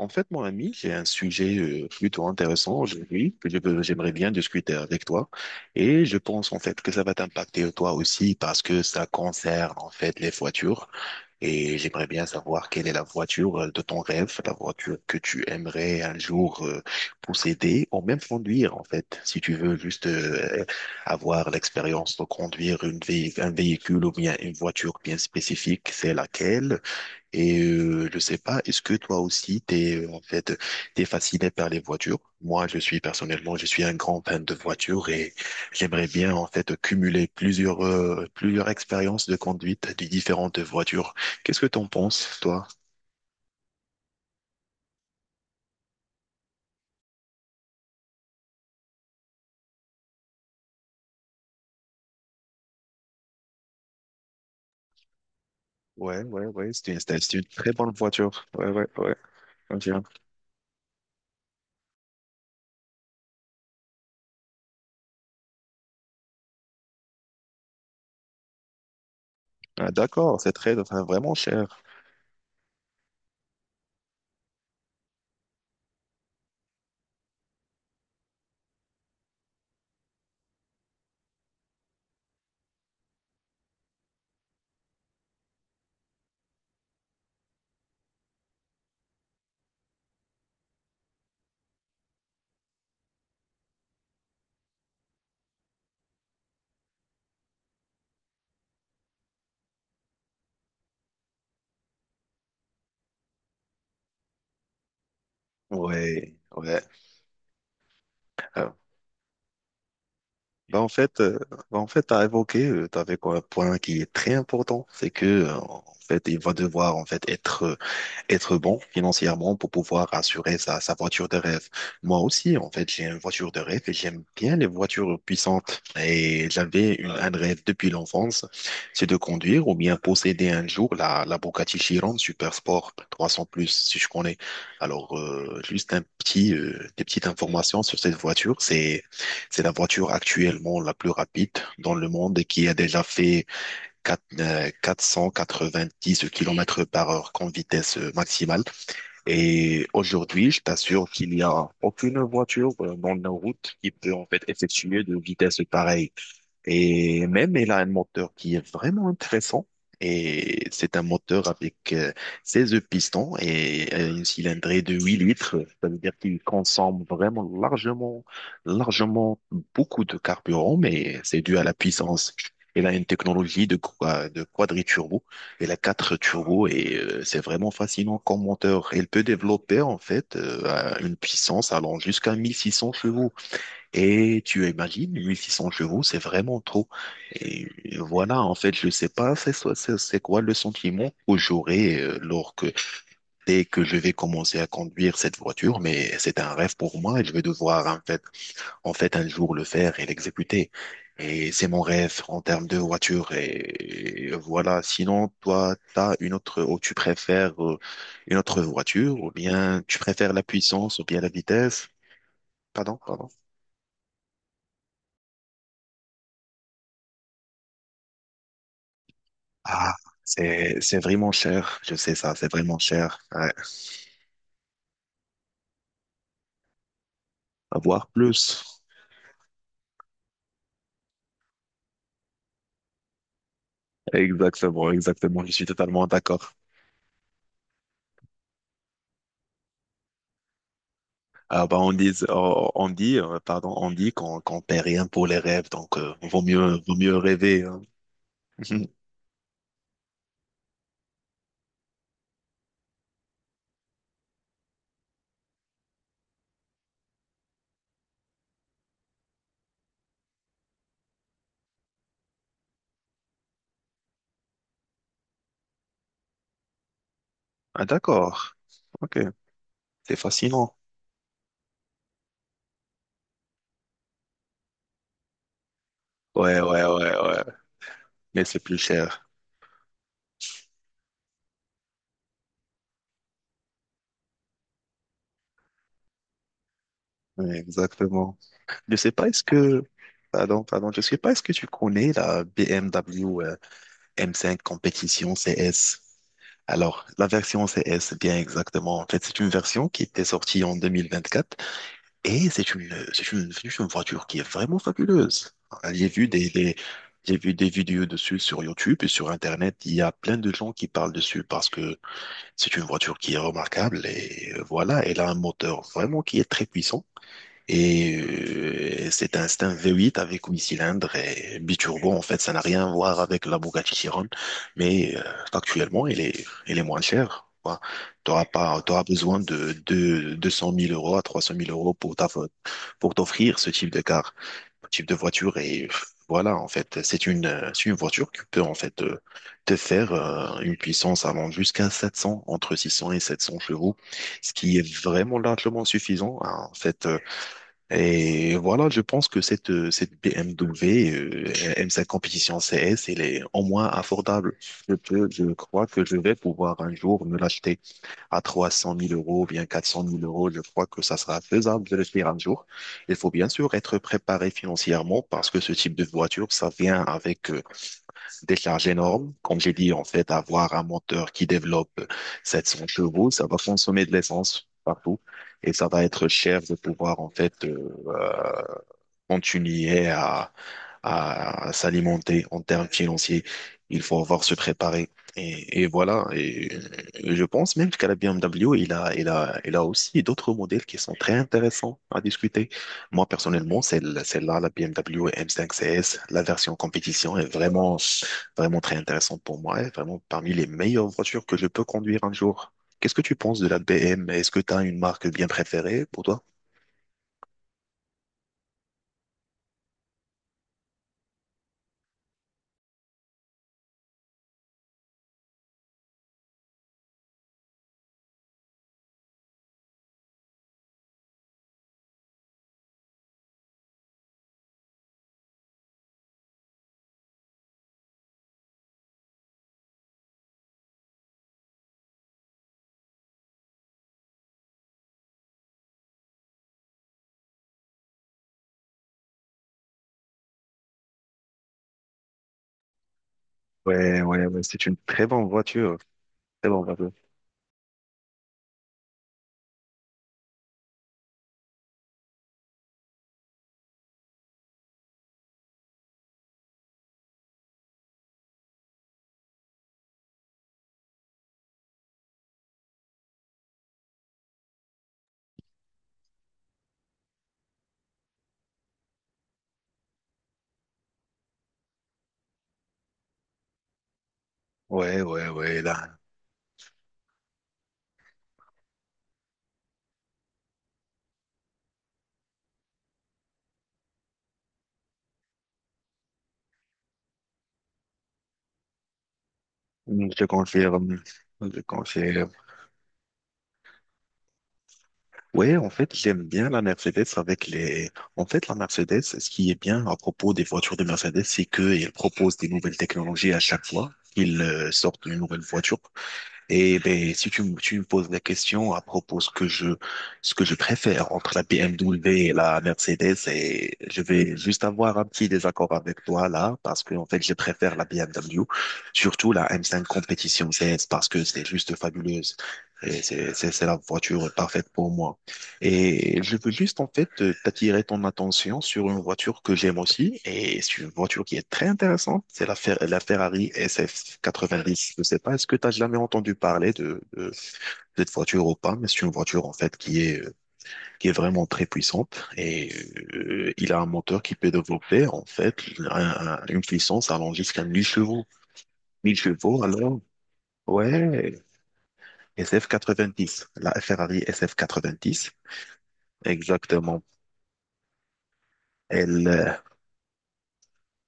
En fait, mon ami, j'ai un sujet plutôt intéressant aujourd'hui que j'aimerais bien discuter avec toi. Et je pense en fait que ça va t'impacter toi aussi parce que ça concerne en fait les voitures. Et j'aimerais bien savoir quelle est la voiture de ton rêve, la voiture que tu aimerais un jour posséder ou même conduire en fait. Si tu veux juste avoir l'expérience de conduire un véhicule ou bien une voiture bien spécifique, c'est laquelle? Et je sais pas, est-ce que toi aussi t'es en fait t'es fasciné par les voitures? Moi, je suis personnellement, je suis un grand fan de voitures et j'aimerais bien en fait cumuler plusieurs plusieurs expériences de conduite de différentes voitures. Qu'est-ce que t'en penses, toi? Ouais, ouais, ouais, c'est c'est une très bonne voiture. Ouais, ouais, ouais. Ok. Ah, d'accord, c'est très, enfin, vraiment cher. Ouais, ouais. Bah en fait, euh, bah en fait, t'as évoqué, t'avais quoi, un point qui est très important, c'est que en fait, il va devoir en fait être être bon financièrement pour pouvoir assurer sa voiture de rêve. Moi aussi, en fait, j'ai une voiture de rêve et j'aime bien les voitures puissantes. Et j'avais un rêve depuis l'enfance, c'est de conduire ou bien posséder un jour la Bugatti Chiron Super Sport 300 plus, si je connais. Alors, juste un petit, des petites informations sur cette voiture. C'est la voiture actuellement la plus rapide dans le monde et qui a déjà fait 4 dix kilomètres par heure comme vitesse maximale. Et aujourd'hui, je t'assure qu'il n'y a aucune voiture dans nos routes qui peut en fait effectuer de vitesse pareille. Et même, elle a un moteur qui est vraiment intéressant. Et c'est un moteur avec 16 pistons et une cylindrée de 8 litres. Ça veut dire qu'il consomme vraiment largement, largement beaucoup de carburant, mais c'est dû à la puissance. Elle a une technologie de quadriturbo. Elle a 4 turbos et c'est vraiment fascinant comme moteur. Elle peut développer, en fait, à une puissance allant jusqu'à 1600 chevaux. Et tu imagines, 1600 chevaux, c'est vraiment trop. Et voilà, en fait, je sais pas, c'est quoi le sentiment que j'aurai lors que, dès que je vais commencer à conduire cette voiture, mais c'est un rêve pour moi et je vais devoir, en fait, un jour le faire et l'exécuter. Et c'est mon rêve en termes de voiture. Et voilà, sinon, toi, t'as une autre, ou tu préfères une autre voiture, ou bien tu préfères la puissance, ou bien la vitesse. Pardon, pardon. Ah, c'est vraiment cher. Je sais ça, c'est vraiment cher. Ouais. Avoir plus. Exactement, exactement. Je suis totalement d'accord. Ah, bah, on dit, on dit, pardon, on dit qu'on paie rien pour les rêves, donc vaut mieux rêver. Hein. Mhm. Ah, d'accord. Ok, c'est fascinant. Ouais, ouais, ouais, ouais. Mais c'est plus cher. Ouais, exactement. Je sais pas, est-ce que, pardon, pardon, je sais pas, est-ce que tu connais la BMW M5 Competition CS? Alors, la version CS, bien exactement. En fait, c'est une version qui était sortie en 2024 et c'est c'est une voiture qui est vraiment fabuleuse. J'ai vu des, des- j'ai vu des vidéos dessus sur YouTube et sur Internet. Il y a plein de gens qui parlent dessus parce que c'est une voiture qui est remarquable et voilà, elle a un moteur vraiment qui est très puissant. Et c'est un V8 avec 8 cylindres et biturbo. En fait, ça n'a rien à voir avec la Bugatti Chiron, mais actuellement, elle est moins chère. Tu auras pas, t'auras besoin de 200 000 euros à 300 000 euros pour ta, pour t'offrir ce type de car, ce type de voiture. Et voilà, en fait, c'est une voiture qui peut en fait te faire une puissance allant jusqu'à 700, entre 600 et 700 chevaux, ce qui est vraiment largement suffisant. Hein. En fait, et voilà, je pense que cette, cette BMW M5 Competition CS, elle est au moins abordable. Je peux, je crois que je vais pouvoir un jour me l'acheter à 300 000 euros, bien 400 000 euros. Je crois que ça sera faisable de le faire un jour. Il faut bien sûr être préparé financièrement parce que ce type de voiture, ça vient avec des charges énormes. Comme j'ai dit, en fait, avoir un moteur qui développe 700 chevaux, ça va consommer de l'essence partout et ça va être cher de pouvoir, en fait, continuer à s'alimenter en termes financiers. Il faut avoir se préparer. Et voilà. Et je pense même qu'à la BMW, il a aussi d'autres modèles qui sont très intéressants à discuter. Moi, personnellement, celle-là, la BMW M5 CS, la version compétition est vraiment, vraiment très intéressante pour moi. Et vraiment parmi les meilleures voitures que je peux conduire un jour. Qu'est-ce que tu penses de la BM? Est-ce que tu as une marque bien préférée pour toi? Ouais, ouais, ouais, c'est une très bonne voiture. Très bonne voiture. Ouais, ouais, ouais, là. Je te confirme. Je confirme. Ouais, en fait, j'aime bien la Mercedes avec les. En fait, la Mercedes, ce qui est bien à propos des voitures de Mercedes, c'est qu'ils proposent des nouvelles technologies à chaque fois. Ils sortent une nouvelle voiture. Et ben, si tu, me- tu me poses la question à propos de ce que je préfère entre la BMW et la Mercedes, et je vais juste avoir un petit désaccord avec toi là, parce que en fait, je préfère la BMW, surtout la M5 Competition C S parce que c'est juste fabuleuse. Et c'est la voiture parfaite pour moi. Et je veux juste en fait t'attirer ton attention sur une voiture que j'aime aussi et c'est une voiture qui est très intéressante, c'est la Ferrari SF90. Je sais pas, est-ce que tu as jamais entendu parler de cette voiture ou pas, mais c'est une voiture en fait qui est vraiment très puissante et il a un moteur qui peut développer en fait une puissance allant jusqu'à 1000 chevaux. 1000 chevaux alors ouais, SF90, la Ferrari SF90 exactement. Elle,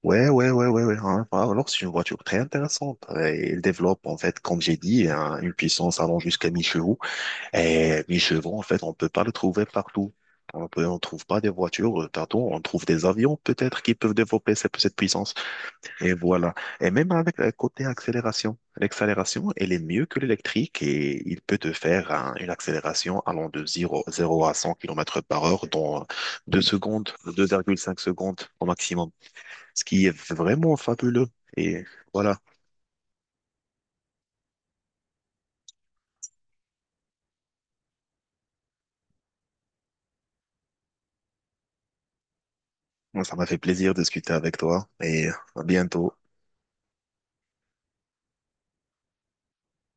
Ouais, ouais, ouais, ouais, ouais. Hein. Ah, alors, c'est une voiture très intéressante. Elle développe, en fait, comme j'ai dit, une puissance allant jusqu'à 1000 chevaux. Et 1000 chevaux, en fait, on peut pas le trouver partout. On peut, on trouve pas des voitures partout. On trouve des avions, peut-être, qui peuvent développer cette, cette puissance. Et voilà. Et même avec le côté accélération. L'accélération, elle est mieux que l'électrique et il peut te faire une accélération allant de 0, 0 à 100 km par heure dans 2 secondes, 2,5 secondes au maximum ce qui est vraiment fabuleux. Et voilà, moi, ça m'a fait plaisir de discuter avec toi et à bientôt.